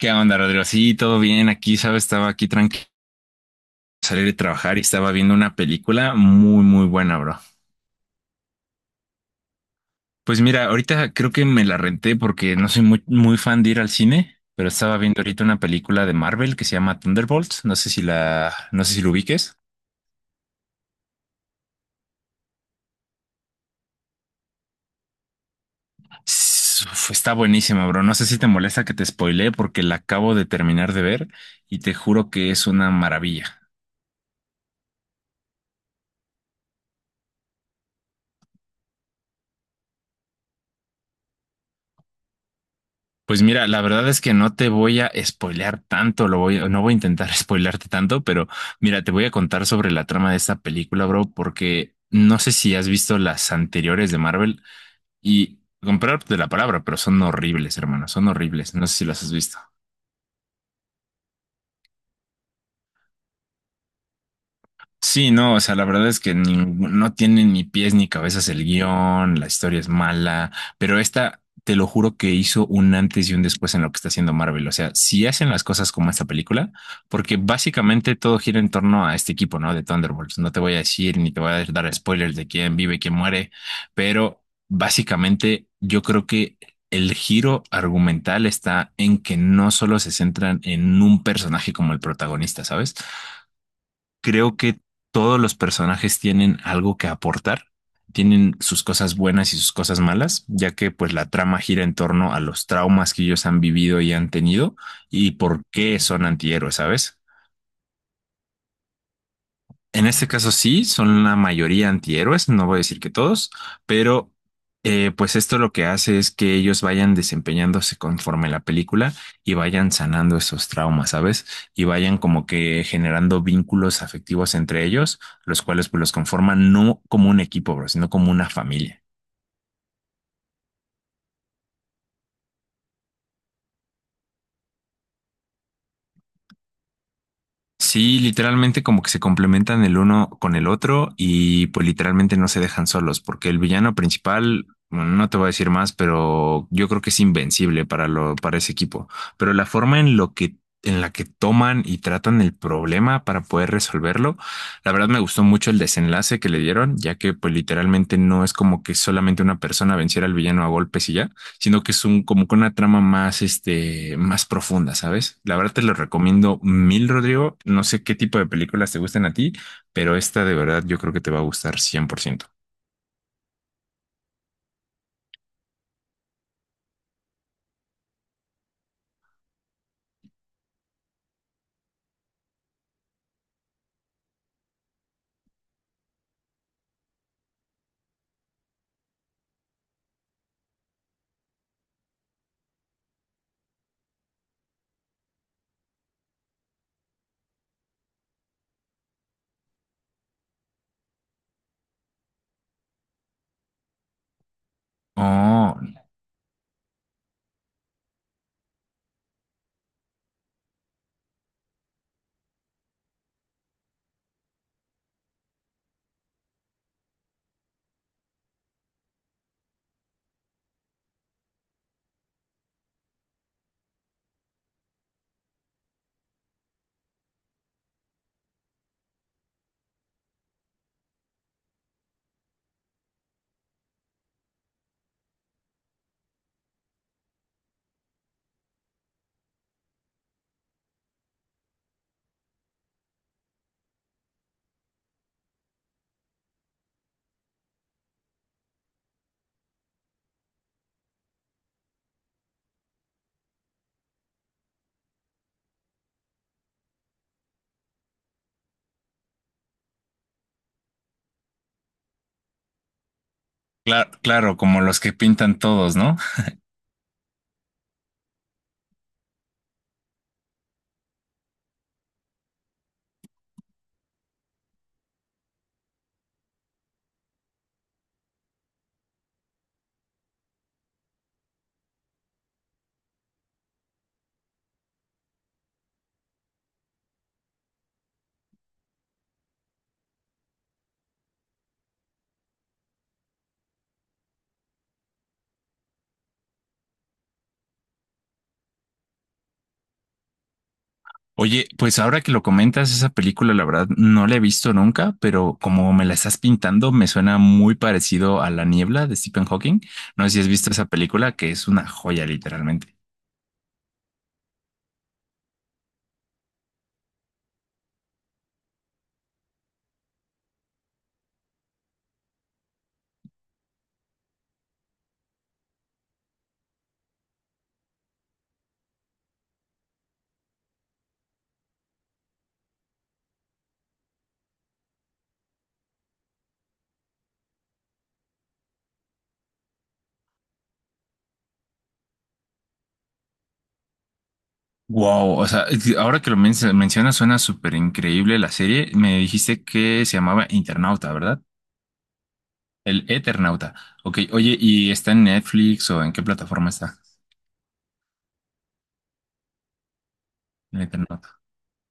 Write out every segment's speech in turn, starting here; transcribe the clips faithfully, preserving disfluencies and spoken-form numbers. ¿Qué onda, Rodrigo? Sí, todo bien. Aquí, ¿sabes? Estaba aquí tranquilo, salir de trabajar y estaba viendo una película muy, muy buena, bro. Pues mira, ahorita creo que me la renté porque no soy muy, muy fan de ir al cine, pero estaba viendo ahorita una película de Marvel que se llama Thunderbolts. No sé si la, no sé si lo ubiques. S- uf, está buenísima, bro. No sé si te molesta que te spoilee porque la acabo de terminar de ver y te juro que es una maravilla. Pues mira, la verdad es que no te voy a spoilear tanto, lo voy, no voy a intentar spoilearte tanto, pero mira, te voy a contar sobre la trama de esta película, bro, porque no sé si has visto las anteriores de Marvel y comprar de la palabra, pero son horribles, hermano, son horribles. No sé si las has visto. Sí, no, o sea, la verdad es que ni- no tiene ni pies ni cabezas el guión, la historia es mala, pero esta, te lo juro que hizo un antes y un después en lo que está haciendo Marvel. O sea, si hacen las cosas como esta película, porque básicamente todo gira en torno a este equipo, ¿no? De Thunderbolts. No te voy a decir ni te voy a dar spoilers de quién vive, quién muere, pero básicamente yo creo que el giro argumental está en que no solo se centran en un personaje como el protagonista, ¿sabes? Creo que todos los personajes tienen algo que aportar, tienen sus cosas buenas y sus cosas malas, ya que pues la trama gira en torno a los traumas que ellos han vivido y han tenido y por qué son antihéroes, ¿sabes? En este caso sí, son la mayoría antihéroes, no voy a decir que todos, pero eh, pues esto lo que hace es que ellos vayan desempeñándose conforme la película y vayan sanando esos traumas, ¿sabes? Y vayan como que generando vínculos afectivos entre ellos, los cuales pues los conforman no como un equipo, bro, sino como una familia. Sí, literalmente como que se complementan el uno con el otro y pues literalmente no se dejan solos, porque el villano principal, bueno, no te voy a decir más, pero yo creo que es invencible para lo, para ese equipo. Pero la forma en lo que, en la que toman y tratan el problema para poder resolverlo, la verdad me gustó mucho el desenlace que le dieron, ya que pues literalmente no es como que solamente una persona venciera al villano a golpes y ya, sino que es un como con una trama más, este, más profunda, ¿sabes? La verdad te lo recomiendo mil, Rodrigo. No sé qué tipo de películas te gustan a ti, pero esta de verdad yo creo que te va a gustar cien por ciento. Oh, claro, claro, como los que pintan todos, ¿no? Oye, pues ahora que lo comentas, esa película la verdad no la he visto nunca, pero como me la estás pintando, me suena muy parecido a La Niebla de Stephen Hawking. No sé si has visto esa película, que es una joya literalmente. Wow, o sea, ahora que lo men- mencionas suena súper increíble la serie. Me dijiste que se llamaba Internauta, ¿verdad? El Eternauta. Ok, oye, ¿y está en Netflix o en qué plataforma está? El Eternauta.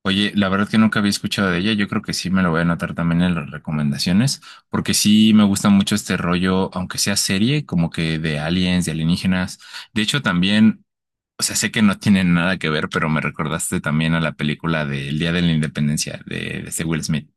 Oye, la verdad que nunca había escuchado de ella. Yo creo que sí me lo voy a anotar también en las recomendaciones, porque sí me gusta mucho este rollo, aunque sea serie, como que de aliens, de alienígenas. De hecho, también, o sea, sé que no tienen nada que ver, pero me recordaste también a la película del Día de la Independencia de, de este Will Smith.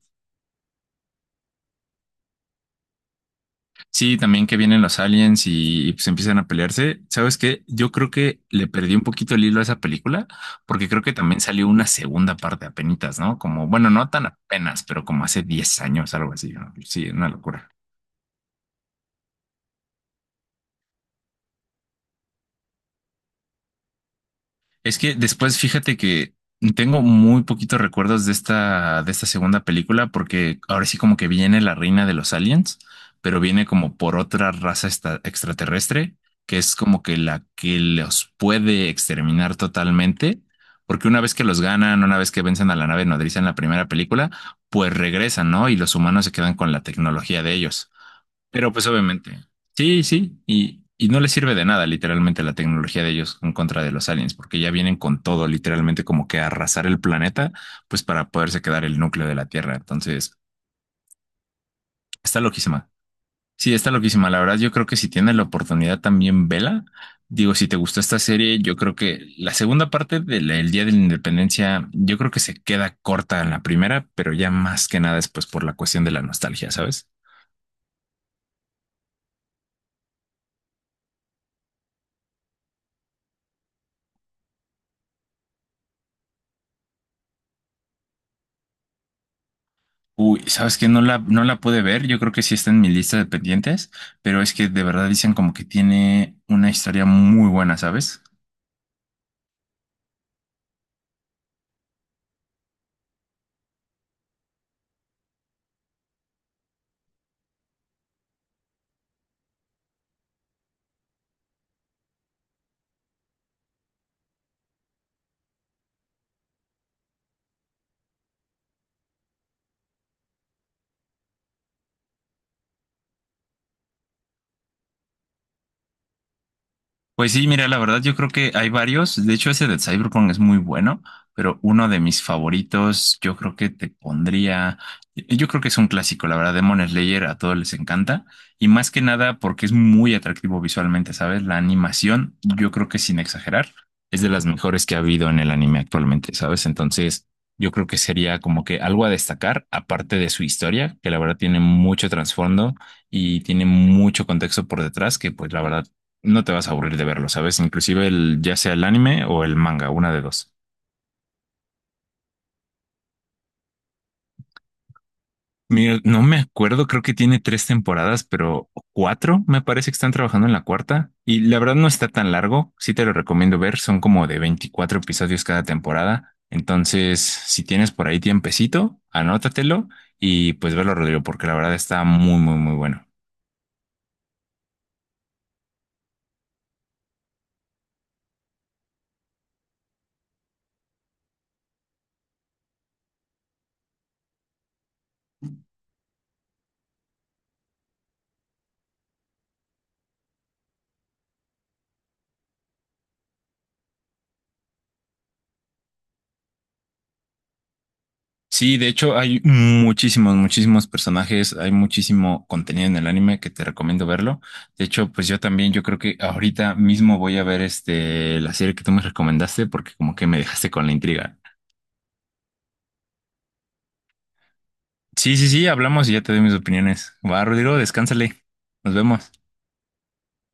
Sí, también que vienen los aliens y, y, pues empiezan a pelearse. ¿Sabes qué? Yo creo que le perdí un poquito el hilo a esa película porque creo que también salió una segunda parte apenitas, ¿no? Como, bueno, no tan apenas, pero como hace diez años, algo así, ¿no? Sí, una locura. Es que después fíjate que tengo muy poquitos recuerdos de esta, de esta segunda película porque ahora sí como que viene la reina de los aliens, pero viene como por otra raza esta- extraterrestre, que es como que la que los puede exterminar totalmente, porque una vez que los ganan, una vez que vencen a la nave nodriza en la primera película, pues regresan, ¿no? Y los humanos se quedan con la tecnología de ellos. Pero pues obviamente, sí, sí, y, y no les sirve de nada literalmente la tecnología de ellos en contra de los aliens, porque ya vienen con todo literalmente como que a arrasar el planeta, pues para poderse quedar el núcleo de la Tierra. Entonces, está loquísima. Sí, está loquísima. La verdad, yo creo que si tienes la oportunidad también, vela. Digo, si te gustó esta serie, yo creo que la segunda parte del el Día de la Independencia, yo creo que se queda corta en la primera, pero ya más que nada es pues por la cuestión de la nostalgia, ¿sabes? Uy, sabes que no la, no la pude ver, yo creo que sí está en mi lista de pendientes, pero es que de verdad dicen como que tiene una historia muy buena, ¿sabes? Pues sí, mira, la verdad yo creo que hay varios. De hecho, ese de Cyberpunk es muy bueno, pero uno de mis favoritos, yo creo que te pondría, yo creo que es un clásico, la verdad, Demon Slayer a todos les encanta y más que nada porque es muy atractivo visualmente, ¿sabes? La animación, yo creo que sin exagerar, es de las mejores que ha habido en el anime actualmente, ¿sabes? Entonces, yo creo que sería como que algo a destacar, aparte de su historia, que la verdad tiene mucho trasfondo y tiene mucho contexto por detrás, que pues la verdad no te vas a aburrir de verlo, ¿sabes? Inclusive el, ya sea el anime o el manga, una de dos. Mira, no me acuerdo, creo que tiene tres temporadas, pero cuatro me parece que están trabajando en la cuarta. Y la verdad no está tan largo, sí te lo recomiendo ver, son como de veinticuatro episodios cada temporada. Entonces, si tienes por ahí tiempecito, anótatelo y pues verlo, Rodrigo, porque la verdad está muy, muy, muy bueno. Sí, de hecho hay muchísimos, muchísimos personajes, hay muchísimo contenido en el anime que te recomiendo verlo. De hecho, pues yo también, yo creo que ahorita mismo voy a ver este la serie que tú me recomendaste porque como que me dejaste con la intriga. Sí, sí, sí, hablamos y ya te doy mis opiniones. Va, Rodrigo, descánsale. Nos vemos.